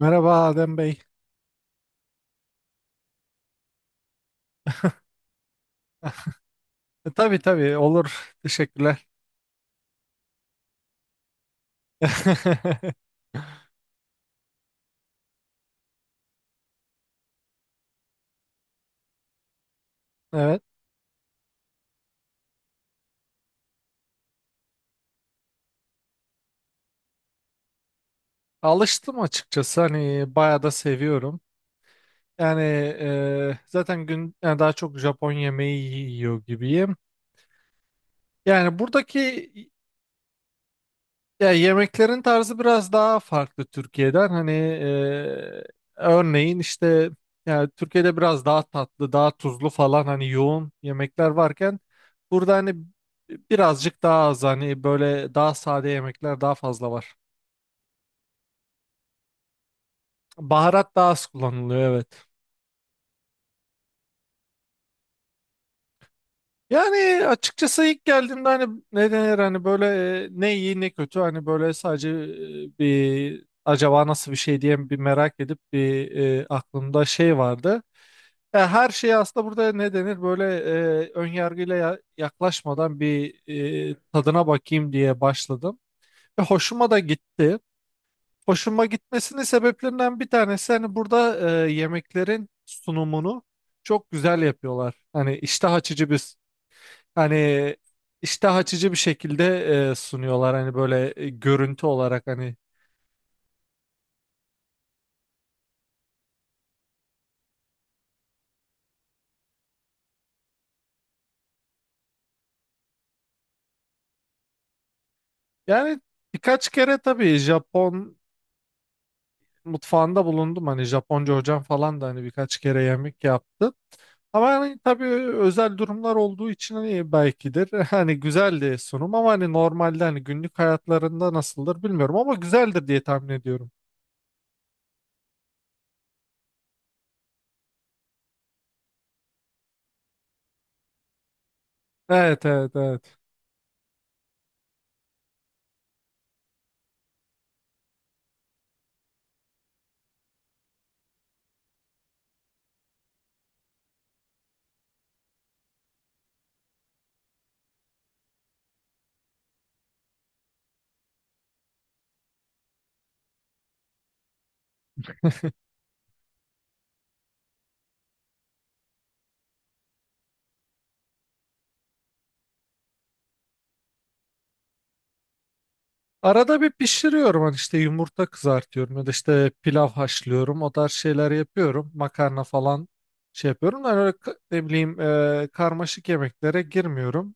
Merhaba Adem Bey. Tabii tabii olur. Teşekkürler. Evet. Alıştım açıkçası. Hani bayağı da seviyorum. Yani zaten gün yani daha çok Japon yemeği yiyor gibiyim. Yani buradaki Ya yemeklerin tarzı biraz daha farklı Türkiye'den. Hani örneğin işte yani Türkiye'de biraz daha tatlı, daha tuzlu falan hani yoğun yemekler varken burada hani birazcık daha az hani böyle daha sade yemekler daha fazla var. Baharat daha az kullanılıyor, evet. Yani açıkçası ilk geldiğimde hani ne denir hani böyle ne iyi ne kötü hani böyle sadece bir acaba nasıl bir şey diye bir merak edip bir aklımda şey vardı. Ya her şey aslında burada ne denir böyle önyargıyla yaklaşmadan bir tadına bakayım diye başladım. Ve hoşuma da gitti. Hoşuma gitmesinin sebeplerinden bir tanesi hani burada yemeklerin sunumunu çok güzel yapıyorlar. Hani iştah açıcı bir şekilde sunuyorlar hani böyle görüntü olarak hani. Yani birkaç kere tabii Japon mutfağında bulundum. Hani Japonca hocam falan da hani birkaç kere yemek yaptı. Ama hani tabii özel durumlar olduğu için hani belkidir. Hani güzeldi sunum ama hani normalde hani günlük hayatlarında nasıldır bilmiyorum ama güzeldir diye tahmin ediyorum. Evet evet evet. Arada bir pişiriyorum, hani işte yumurta kızartıyorum ya da işte pilav haşlıyorum, o tarz şeyler yapıyorum. Makarna falan şey yapıyorum. Yani öyle ne bileyim karmaşık yemeklere girmiyorum.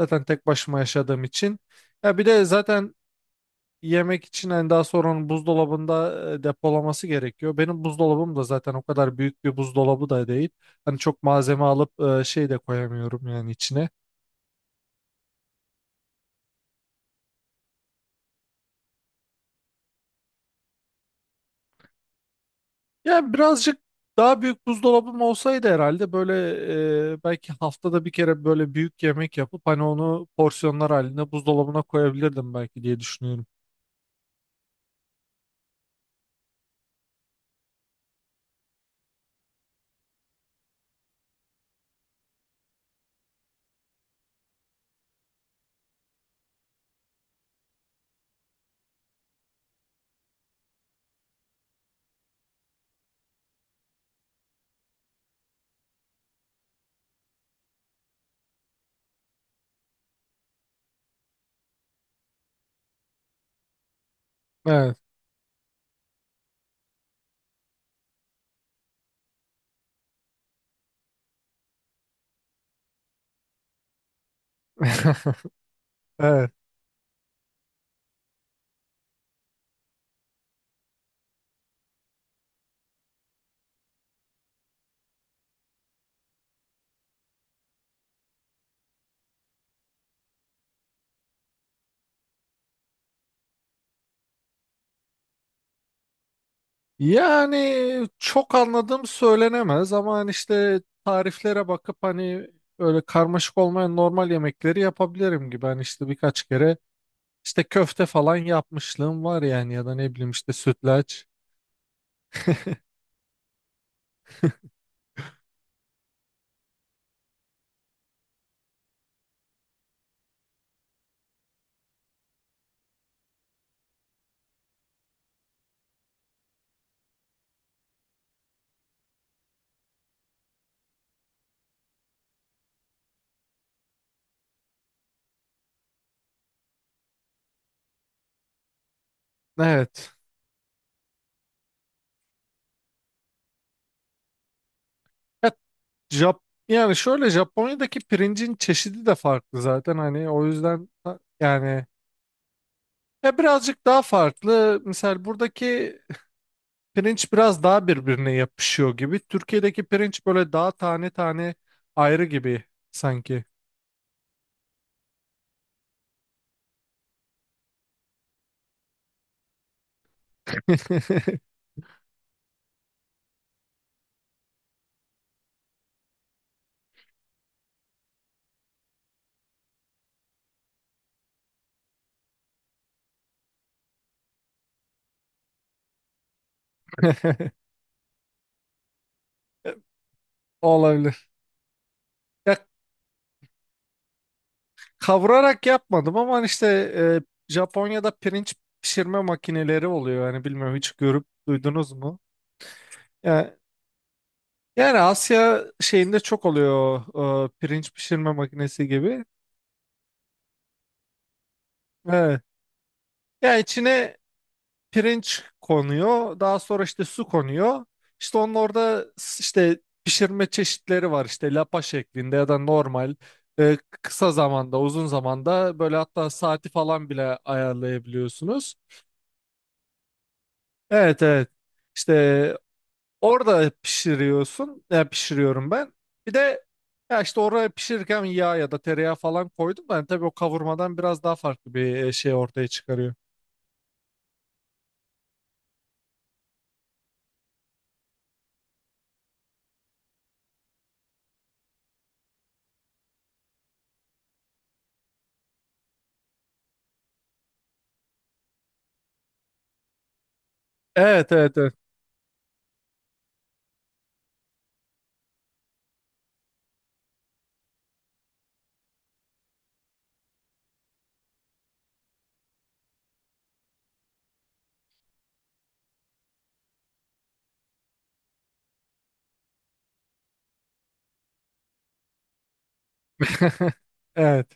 Zaten tek başıma yaşadığım için. Ya bir de zaten yemek için hani daha sonra onun buzdolabında depolaması gerekiyor. Benim buzdolabım da zaten o kadar büyük bir buzdolabı da değil. Hani çok malzeme alıp şey de koyamıyorum yani içine. Yani birazcık daha büyük buzdolabım olsaydı herhalde böyle belki haftada bir kere böyle büyük yemek yapıp hani onu porsiyonlar halinde buzdolabına koyabilirdim belki diye düşünüyorum. Evet. Evet. Yani çok anladığım söylenemez ama hani işte tariflere bakıp hani öyle karmaşık olmayan normal yemekleri yapabilirim gibi. Hani işte birkaç kere işte köfte falan yapmışlığım var yani, ya da ne bileyim işte sütlaç. Evet. Ya, Jap yani şöyle Japonya'daki pirincin çeşidi de farklı zaten hani o yüzden yani ya birazcık daha farklı. Mesela buradaki pirinç biraz daha birbirine yapışıyor gibi. Türkiye'deki pirinç böyle daha tane tane ayrı gibi sanki. Olabilir. Ya kavurarak yapmadım ama hani işte Japonya'da pirinç pişirme makineleri oluyor. Yani bilmiyorum, hiç görüp duydunuz mu? Ya, yani Asya şeyinde çok oluyor, pirinç pişirme makinesi gibi. Evet. Ya içine pirinç konuyor. Daha sonra işte su konuyor. İşte onun orada işte pişirme çeşitleri var. İşte lapa şeklinde ya da normal e, kısa zamanda, uzun zamanda böyle, hatta saati falan bile ayarlayabiliyorsunuz. Evet evet. İşte orada pişiriyorsun. Ya pişiriyorum ben. Bir de ya işte oraya pişirirken yağ ya da tereyağı falan koydum. Ben, tabii o kavurmadan biraz daha farklı bir şey ortaya çıkarıyor. Evet evet evet. Evet.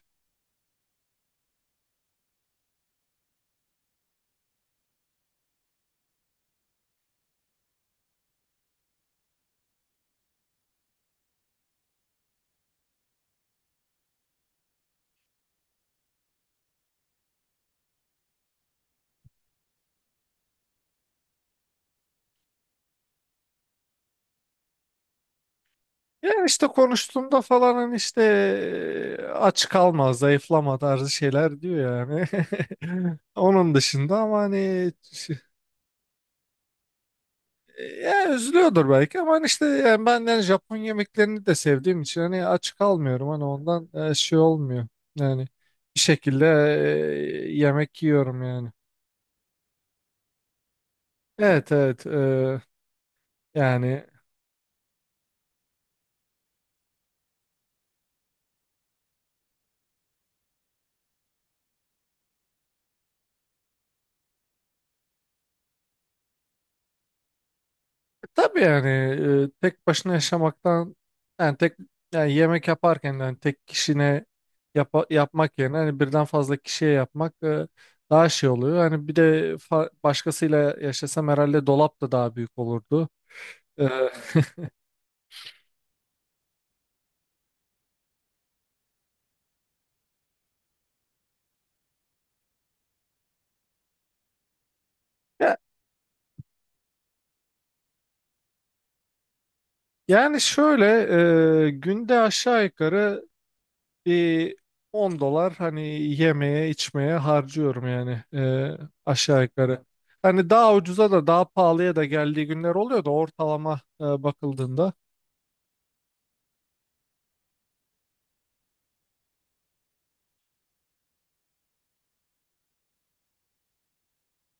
Ya işte konuştuğumda falan hani işte aç kalma, zayıflama tarzı şeyler diyor yani. Onun dışında ama hani ya üzülüyordur belki ama hani işte yani ben yani Japon yemeklerini de sevdiğim için hani aç kalmıyorum, hani ondan şey olmuyor. Yani bir şekilde yemek yiyorum yani. Evet evet, yani tabii yani tek başına yaşamaktan yani tek yani yemek yaparken yani tek kişine yapmak yerine hani birden fazla kişiye yapmak daha şey oluyor. Hani bir de başkasıyla yaşasam herhalde dolap da daha büyük olurdu. E, ya- yani şöyle günde aşağı yukarı bir 10 dolar hani yemeye içmeye harcıyorum yani, aşağı yukarı. Hani daha ucuza da daha pahalıya da geldiği günler oluyor da ortalama bakıldığında.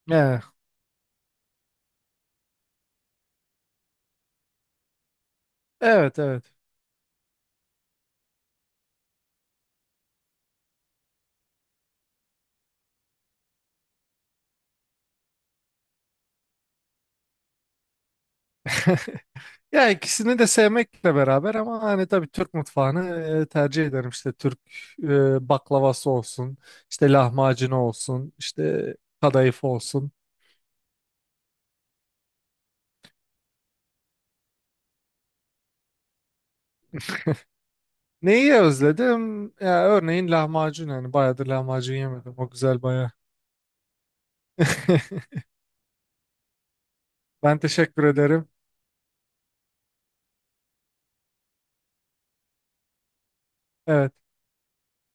Yani, evet evet. Ya ikisini de sevmekle beraber ama hani tabii Türk mutfağını tercih ederim. İşte Türk baklavası olsun, işte lahmacunu olsun, işte kadayıf olsun. Neyi özledim? Ya örneğin lahmacun, yani bayağıdır lahmacun yemedim. O güzel bayağı. Ben teşekkür ederim. Evet.